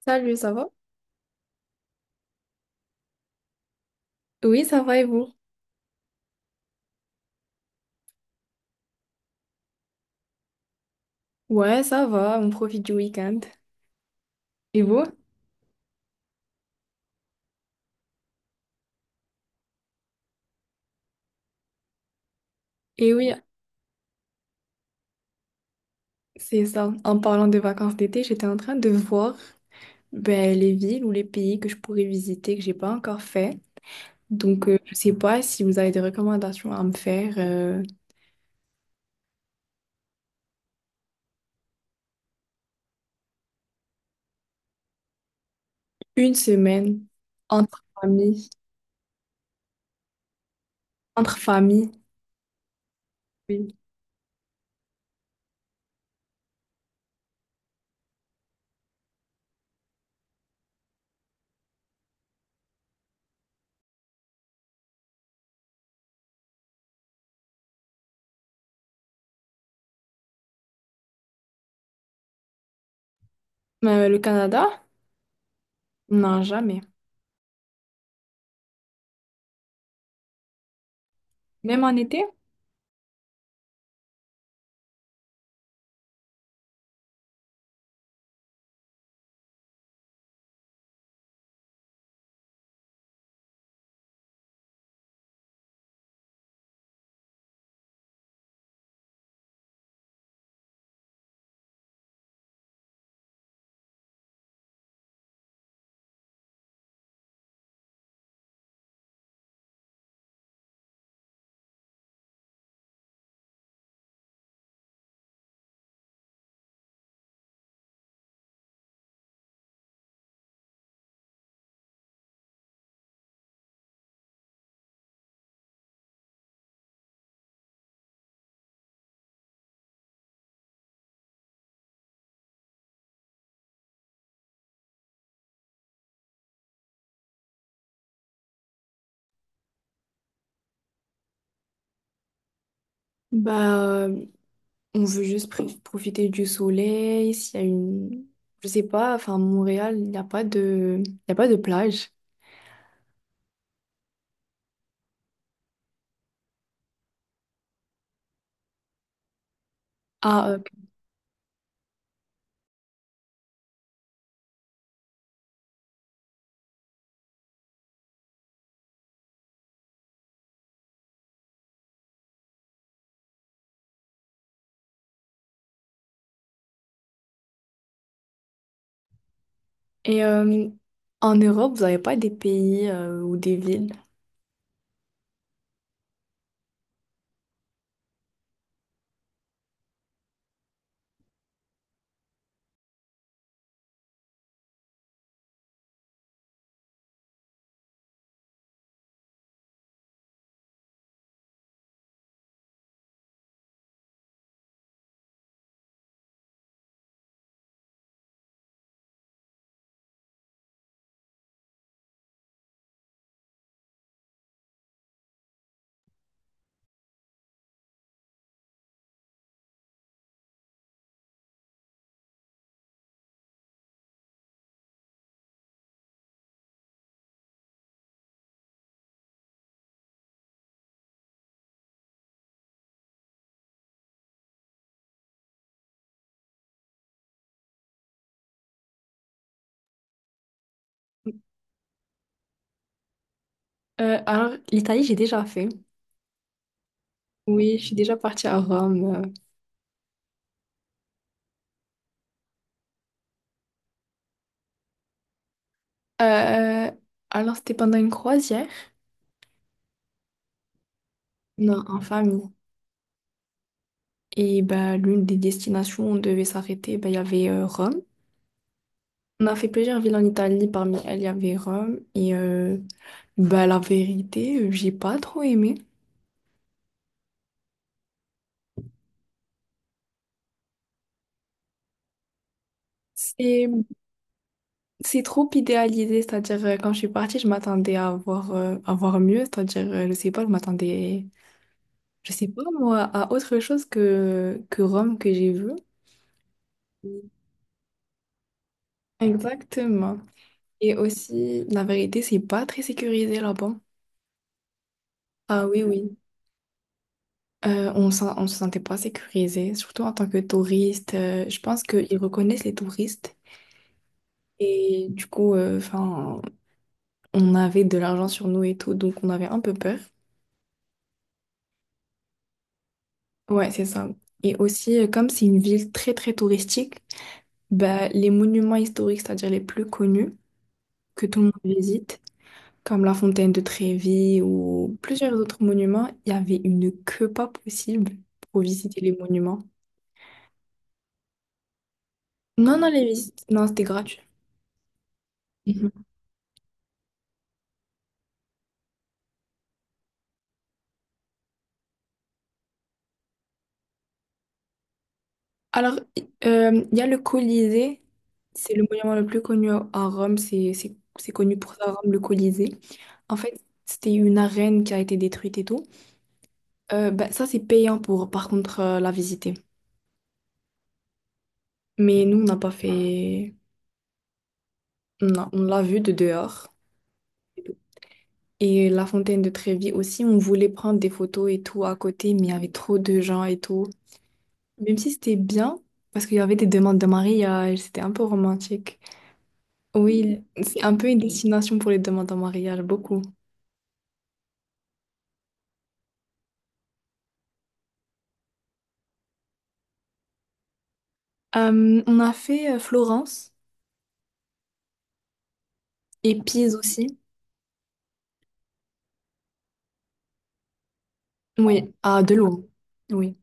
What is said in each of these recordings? Salut, ça va? Oui, ça va et vous? Ouais, ça va, on profite du week-end. Et vous? Et oui, c'est ça. En parlant de vacances d'été, j'étais en train de voir les villes ou les pays que je pourrais visiter que j'ai pas encore fait. Donc, je sais pas si vous avez des recommandations à me faire une semaine entre familles. Entre familles, oui. Mais, le Canada? Non, jamais. Même en été? Bah, euh, on veut juste profiter du soleil. S'il y a une, je sais pas, enfin Montréal, il n'y a pas de, il y a pas de plage. Ah, euh, Et en Europe, vous n'avez pas des pays ou des villes? Alors, l'Italie, j'ai déjà fait. Oui, je suis déjà partie à Rome. Euh, alors, c'était pendant une croisière? Non, en famille. Et bah, l'une des destinations où on devait s'arrêter, bah, il y avait Rome. On a fait plusieurs villes en Italie, parmi elles il y avait Rome et bah, la vérité, j'ai pas trop aimé. C'est c'est trop idéalisé, c'est-à-dire quand je suis partie, je m'attendais à voir mieux, c'est-à-dire je sais pas, je m'attendais, je sais pas moi, à autre chose que Rome que j'ai vu. Exactement. Et aussi, la vérité, c'est pas très sécurisé là-bas. Ah oui, oui. On se sentait pas sécurisé, surtout en tant que touriste. Je pense qu'ils reconnaissent les touristes. Et du coup, enfin, on avait de l'argent sur nous et tout, donc on avait un peu peur. Ouais, c'est ça. Et aussi, comme c'est une ville très très touristique, bah, les monuments historiques, c'est-à-dire les plus connus que tout le monde visite, comme la fontaine de Trévi ou plusieurs autres monuments, il y avait une queue pas possible pour visiter les monuments. Non, non, les visites, non, c'était gratuit. Mhm. Alors, il y a le Colisée, c'est le monument le plus connu à Rome, c'est connu pour ça, Rome, le Colisée. En fait, c'était une arène qui a été détruite et tout. Ben, ça, c'est payant pour, par contre, la visiter. Mais nous, on n'a pas fait... Non, on l'a vue de dehors. Et la fontaine de Trévi aussi, on voulait prendre des photos et tout à côté, mais il y avait trop de gens et tout. Même si c'était bien, parce qu'il y avait des demandes de mariage, c'était un peu romantique. Oui, c'est un peu une destination pour les demandes en mariage, beaucoup. On a fait Florence et Pise aussi. Oui, à Delourme. Oui.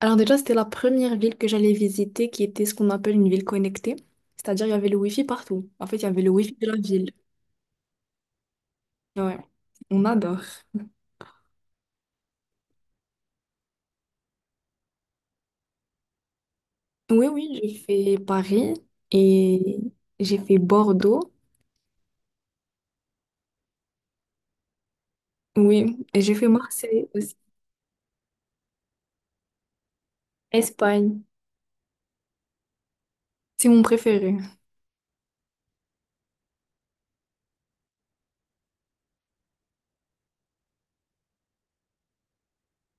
Alors déjà, c'était la première ville que j'allais visiter qui était ce qu'on appelle une ville connectée. C'est-à-dire, il y avait le Wi-Fi partout. En fait, il y avait le Wi-Fi de la ville. Ouais, on adore. Oui, oui, j'ai fait Paris et j'ai fait Bordeaux. Oui, et j'ai fait Marseille aussi. Espagne, c'est mon préféré.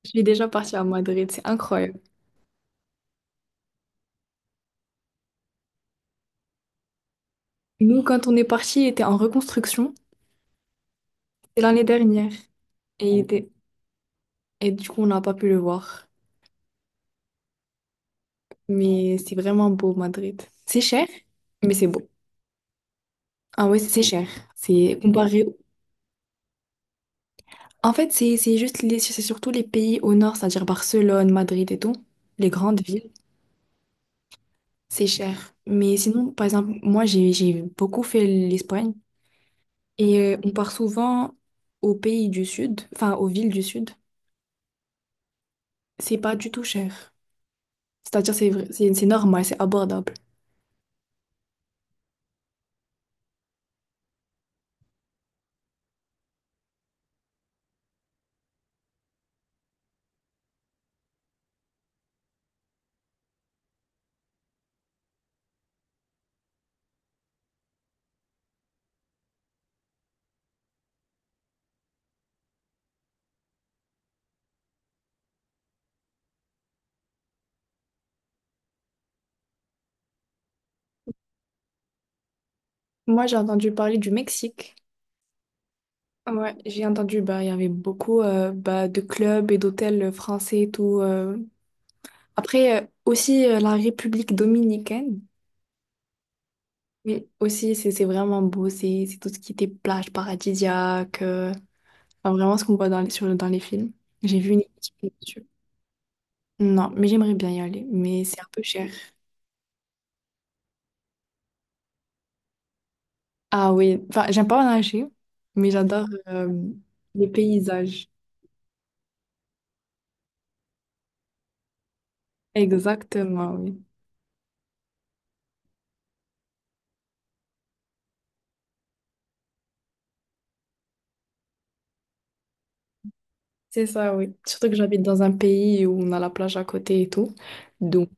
Je suis déjà partie à Madrid, c'est incroyable. Nous, quand on est parti, il était en reconstruction. C'est l'année dernière. Et, il était... Et du coup, on n'a pas pu le voir. Mais c'est vraiment beau, Madrid. C'est cher, mais c'est beau. Ah ouais, c'est cher. C'est comparé. En fait, c'est juste les, c'est surtout les pays au nord, c'est-à-dire Barcelone, Madrid et tout, les grandes villes, c'est cher. Mais sinon, par exemple, moi j'ai beaucoup fait l'Espagne et on part souvent aux pays du sud, enfin aux villes du sud. C'est pas du tout cher. C'est-à-dire c'est normal, c'est abordable. Moi j'ai entendu parler du Mexique. Ouais, j'ai entendu, bah, il y avait beaucoup bah, de clubs et d'hôtels français et tout. Après, aussi la République dominicaine, oui, aussi c'est vraiment beau, c'est tout ce qui était plage paradisiaque, enfin, vraiment ce qu'on voit dans les, sur, dans les films. J'ai vu une équipe là-dessus. Non, mais j'aimerais bien y aller, mais c'est un peu cher. Ah oui, enfin, j'aime pas nager, mais j'adore les paysages. Exactement, oui. C'est ça, oui. Surtout que j'habite dans un pays où on a la plage à côté et tout. Donc,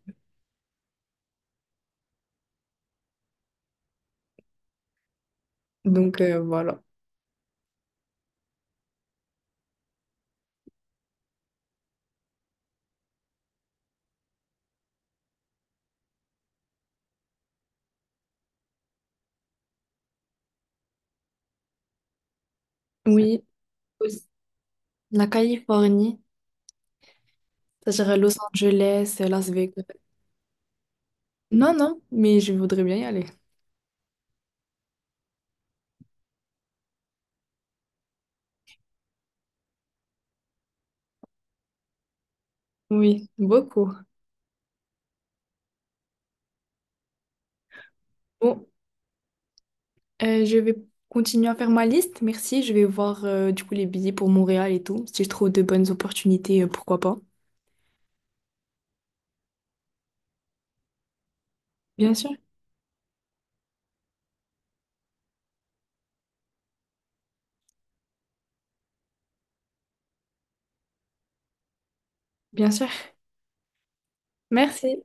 donc voilà. Oui, aussi, la Californie. Ça serait Los Angeles, Las Vegas. Non, non, mais je voudrais bien y aller. Oui, beaucoup. Bon, je vais continuer à faire ma liste. Merci. Je vais voir du coup les billets pour Montréal et tout. Si je trouve de bonnes opportunités, pourquoi pas. Bien sûr, bien sûr. Merci.